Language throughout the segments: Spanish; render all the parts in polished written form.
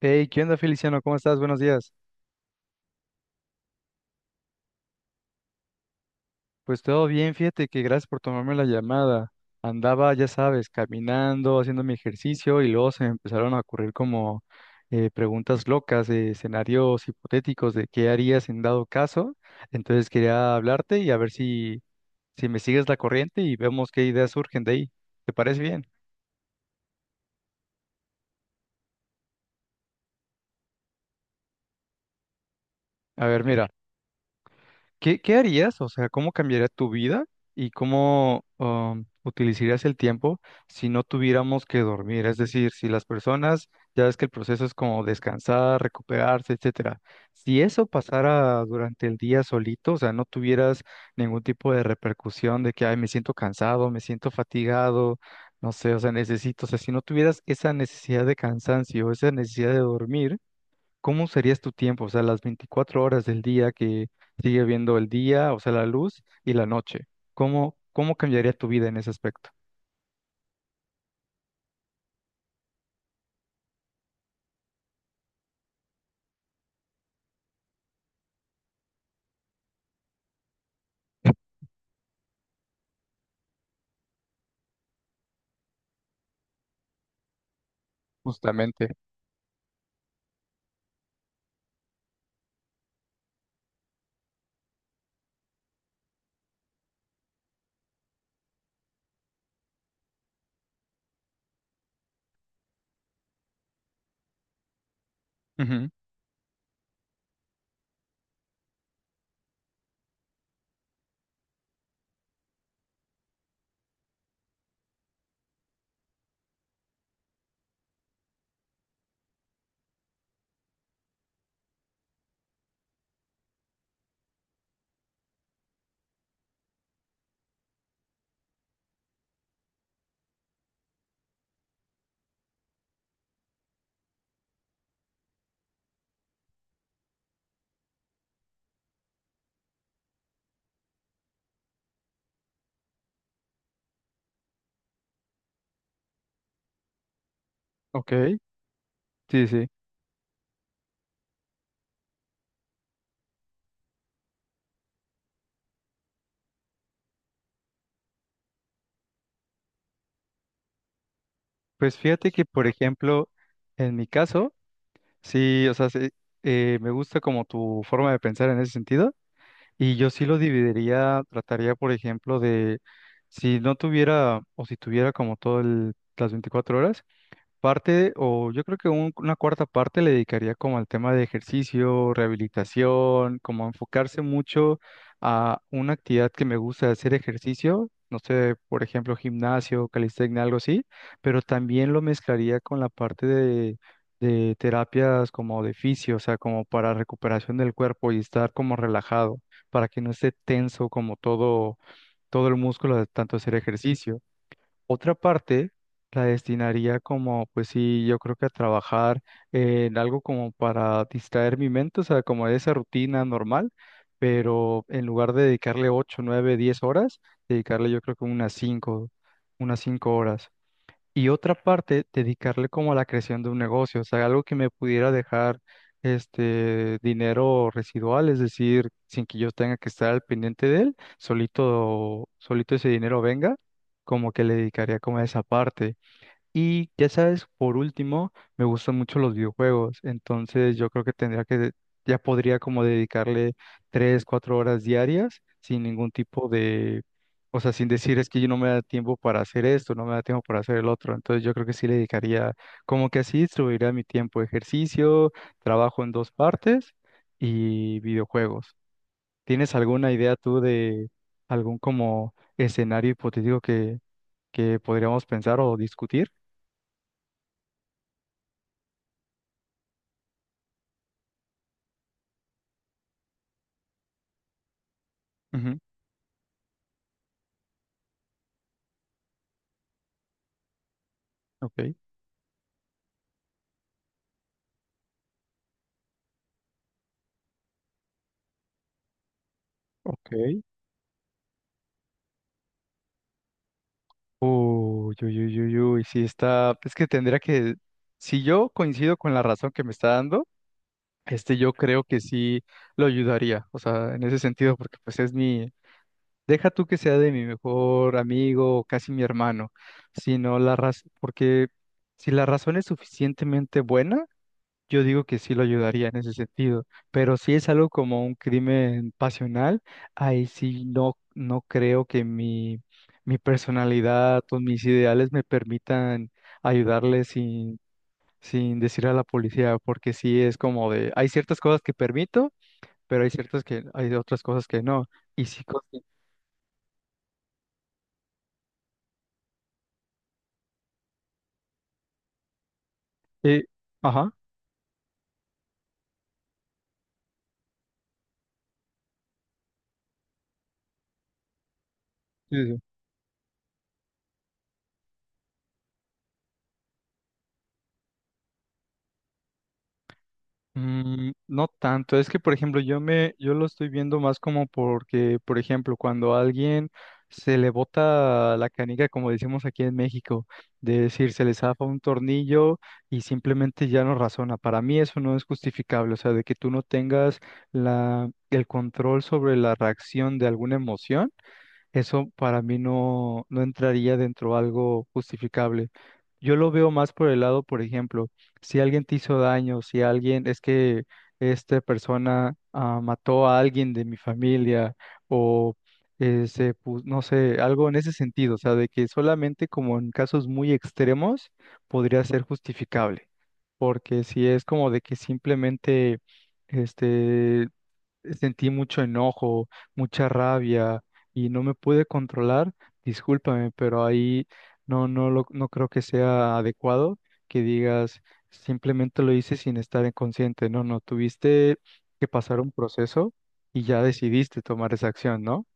Hey, ¿qué onda, Feliciano? ¿Cómo estás? Buenos días. Pues todo bien, fíjate que gracias por tomarme la llamada. Andaba, ya sabes, caminando, haciendo mi ejercicio y luego se me empezaron a ocurrir como preguntas locas, escenarios hipotéticos de qué harías en dado caso. Entonces quería hablarte y a ver si me sigues la corriente y vemos qué ideas surgen de ahí. ¿Te parece bien? A ver, mira. ¿Qué, qué harías? O sea, ¿cómo cambiaría tu vida y cómo utilizarías el tiempo si no tuviéramos que dormir? Es decir, si las personas, ya ves que el proceso es como descansar, recuperarse, etcétera. Si eso pasara durante el día solito, o sea, no tuvieras ningún tipo de repercusión de que, ay, me siento cansado, me siento fatigado, no sé, o sea, necesito, o sea, si no tuvieras esa necesidad de cansancio, esa necesidad de dormir. ¿Cómo serías tu tiempo? O sea, las 24 horas del día que sigue viendo el día, o sea, la luz y la noche. ¿Cómo, cómo cambiaría tu vida en ese aspecto? Justamente. Ujú. Ok, sí, sí. Pues fíjate que, por ejemplo, en mi caso, sí, o sea, sí, me gusta como tu forma de pensar en ese sentido, y yo sí lo dividiría, trataría, por ejemplo, de si no tuviera o si tuviera como todo las 24 horas. Parte, o yo creo que una cuarta parte le dedicaría como al tema de ejercicio, rehabilitación, como enfocarse mucho a una actividad que me gusta hacer ejercicio, no sé, por ejemplo, gimnasio, calistenia, algo así, pero también lo mezclaría con la parte de terapias como de fisio, o sea, como para recuperación del cuerpo y estar como relajado, para que no esté tenso como todo el músculo de tanto hacer ejercicio. Otra parte la destinaría como, pues sí, yo creo que a trabajar en algo como para distraer mi mente, o sea, como de esa rutina normal, pero en lugar de dedicarle 8, 9, 10 horas, dedicarle yo creo que unas 5, unas 5 horas y otra parte dedicarle como a la creación de un negocio, o sea, algo que me pudiera dejar este dinero residual, es decir, sin que yo tenga que estar al pendiente de él, solito, solito ese dinero venga, como que le dedicaría como a esa parte. Y ya sabes, por último, me gustan mucho los videojuegos, entonces yo creo que tendría que, ya podría como dedicarle 3, 4 horas diarias sin ningún tipo de, o sea, sin decir es que yo no me da tiempo para hacer esto, no me da tiempo para hacer el otro, entonces yo creo que sí le dedicaría, como que así distribuiría mi tiempo, ejercicio, trabajo en dos partes y videojuegos. ¿Tienes alguna idea tú de algún como escenario hipotético que podríamos pensar o discutir? Ok, ok. Uy, uy, uy, uy, uy, sí está, es que tendría que, si yo coincido con la razón que me está dando, este yo creo que sí lo ayudaría, o sea, en ese sentido, porque pues es mi, deja tú que sea de mi mejor amigo o casi mi hermano, sino la razón, porque si la razón es suficientemente buena, yo digo que sí lo ayudaría en ese sentido, pero si es algo como un crimen pasional, ahí sí no, no creo que mi personalidad o mis ideales me permitan ayudarle sin, sin decir a la policía, porque sí es como de, hay ciertas cosas que permito, pero hay ciertas que, hay otras cosas que no. Y sí, eh, ajá, sí, sí. Mm, no tanto, es que por ejemplo yo lo estoy viendo más como porque por ejemplo cuando a alguien se le bota la canica como decimos aquí en México, de decir se le zafa un tornillo y simplemente ya no razona. Para mí eso no es justificable, o sea, de que tú no tengas la el control sobre la reacción de alguna emoción, eso para mí no, no entraría dentro de algo justificable. Yo lo veo más por el lado, por ejemplo, si alguien te hizo daño, si alguien, es que esta persona mató a alguien de mi familia o no sé, algo en ese sentido, o sea, de que solamente como en casos muy extremos podría ser justificable, porque si es como de que simplemente, este, sentí mucho enojo, mucha rabia y no me pude controlar, discúlpame, pero ahí no, no creo que sea adecuado que digas simplemente lo hice sin estar inconsciente. No, no, tuviste que pasar un proceso y ya decidiste tomar esa acción, ¿no?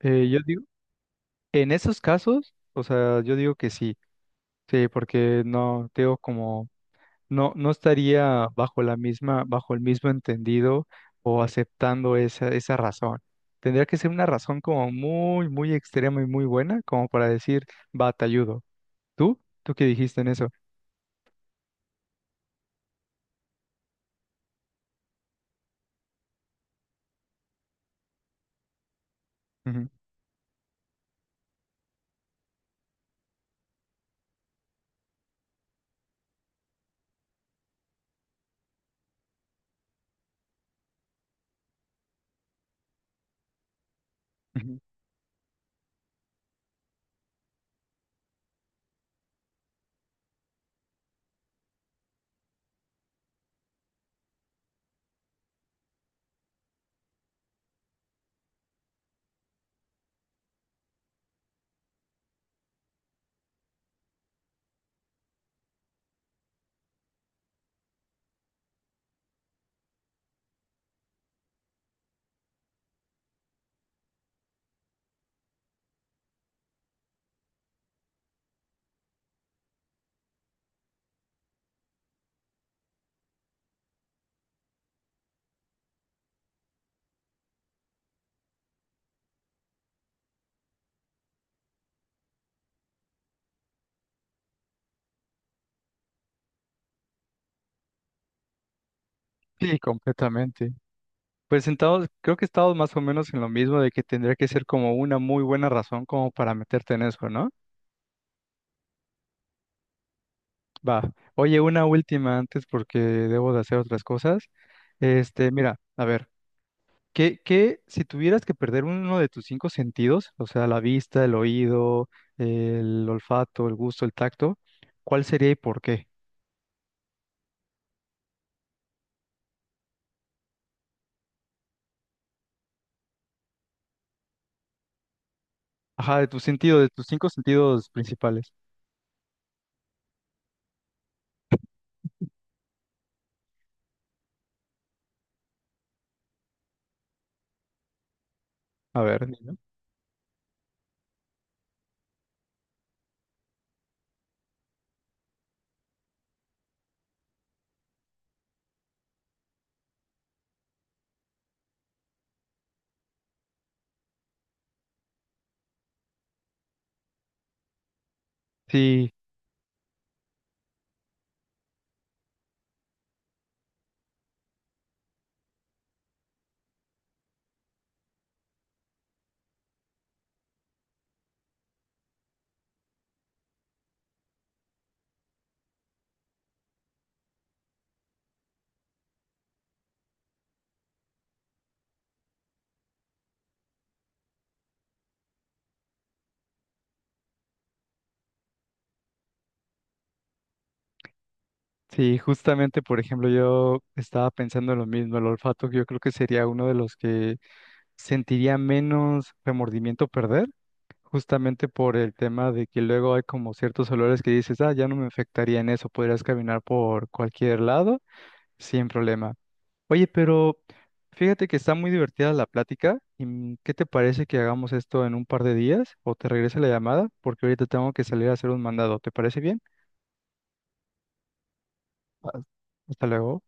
Yo digo, en esos casos, o sea, yo digo que sí, sí, porque no, te digo como, no, no estaría bajo la misma, bajo el mismo entendido o aceptando esa, esa razón. Tendría que ser una razón como muy, muy extrema y muy buena, como para decir, va, te ayudo. ¿Tú? ¿Tú qué dijiste en eso? Ujú, ujú. Sí, completamente. Pues sentados, creo que estamos más o menos en lo mismo de que tendría que ser como una muy buena razón como para meterte en eso, ¿no? Va. Oye, una última antes porque debo de hacer otras cosas. Este, mira, a ver. ¿Qué, qué- si tuvieras que perder uno de tus cinco sentidos, o sea, la vista, el oído, el olfato, el gusto, el tacto, ¿cuál sería y por qué? Ajá, de tus sentidos, de tus cinco sentidos principales. A ver, mira. Sí, sí, justamente, por ejemplo, yo estaba pensando en lo mismo, el olfato, que yo creo que sería uno de los que sentiría menos remordimiento perder, justamente por el tema de que luego hay como ciertos olores que dices, ah, ya no me afectaría en eso, podrías caminar por cualquier lado sin problema. Oye, pero fíjate que está muy divertida la plática. ¿Y qué te parece que hagamos esto en un par de días? ¿O te regrese la llamada? Porque ahorita tengo que salir a hacer un mandado. ¿Te parece bien? Ah, hasta luego.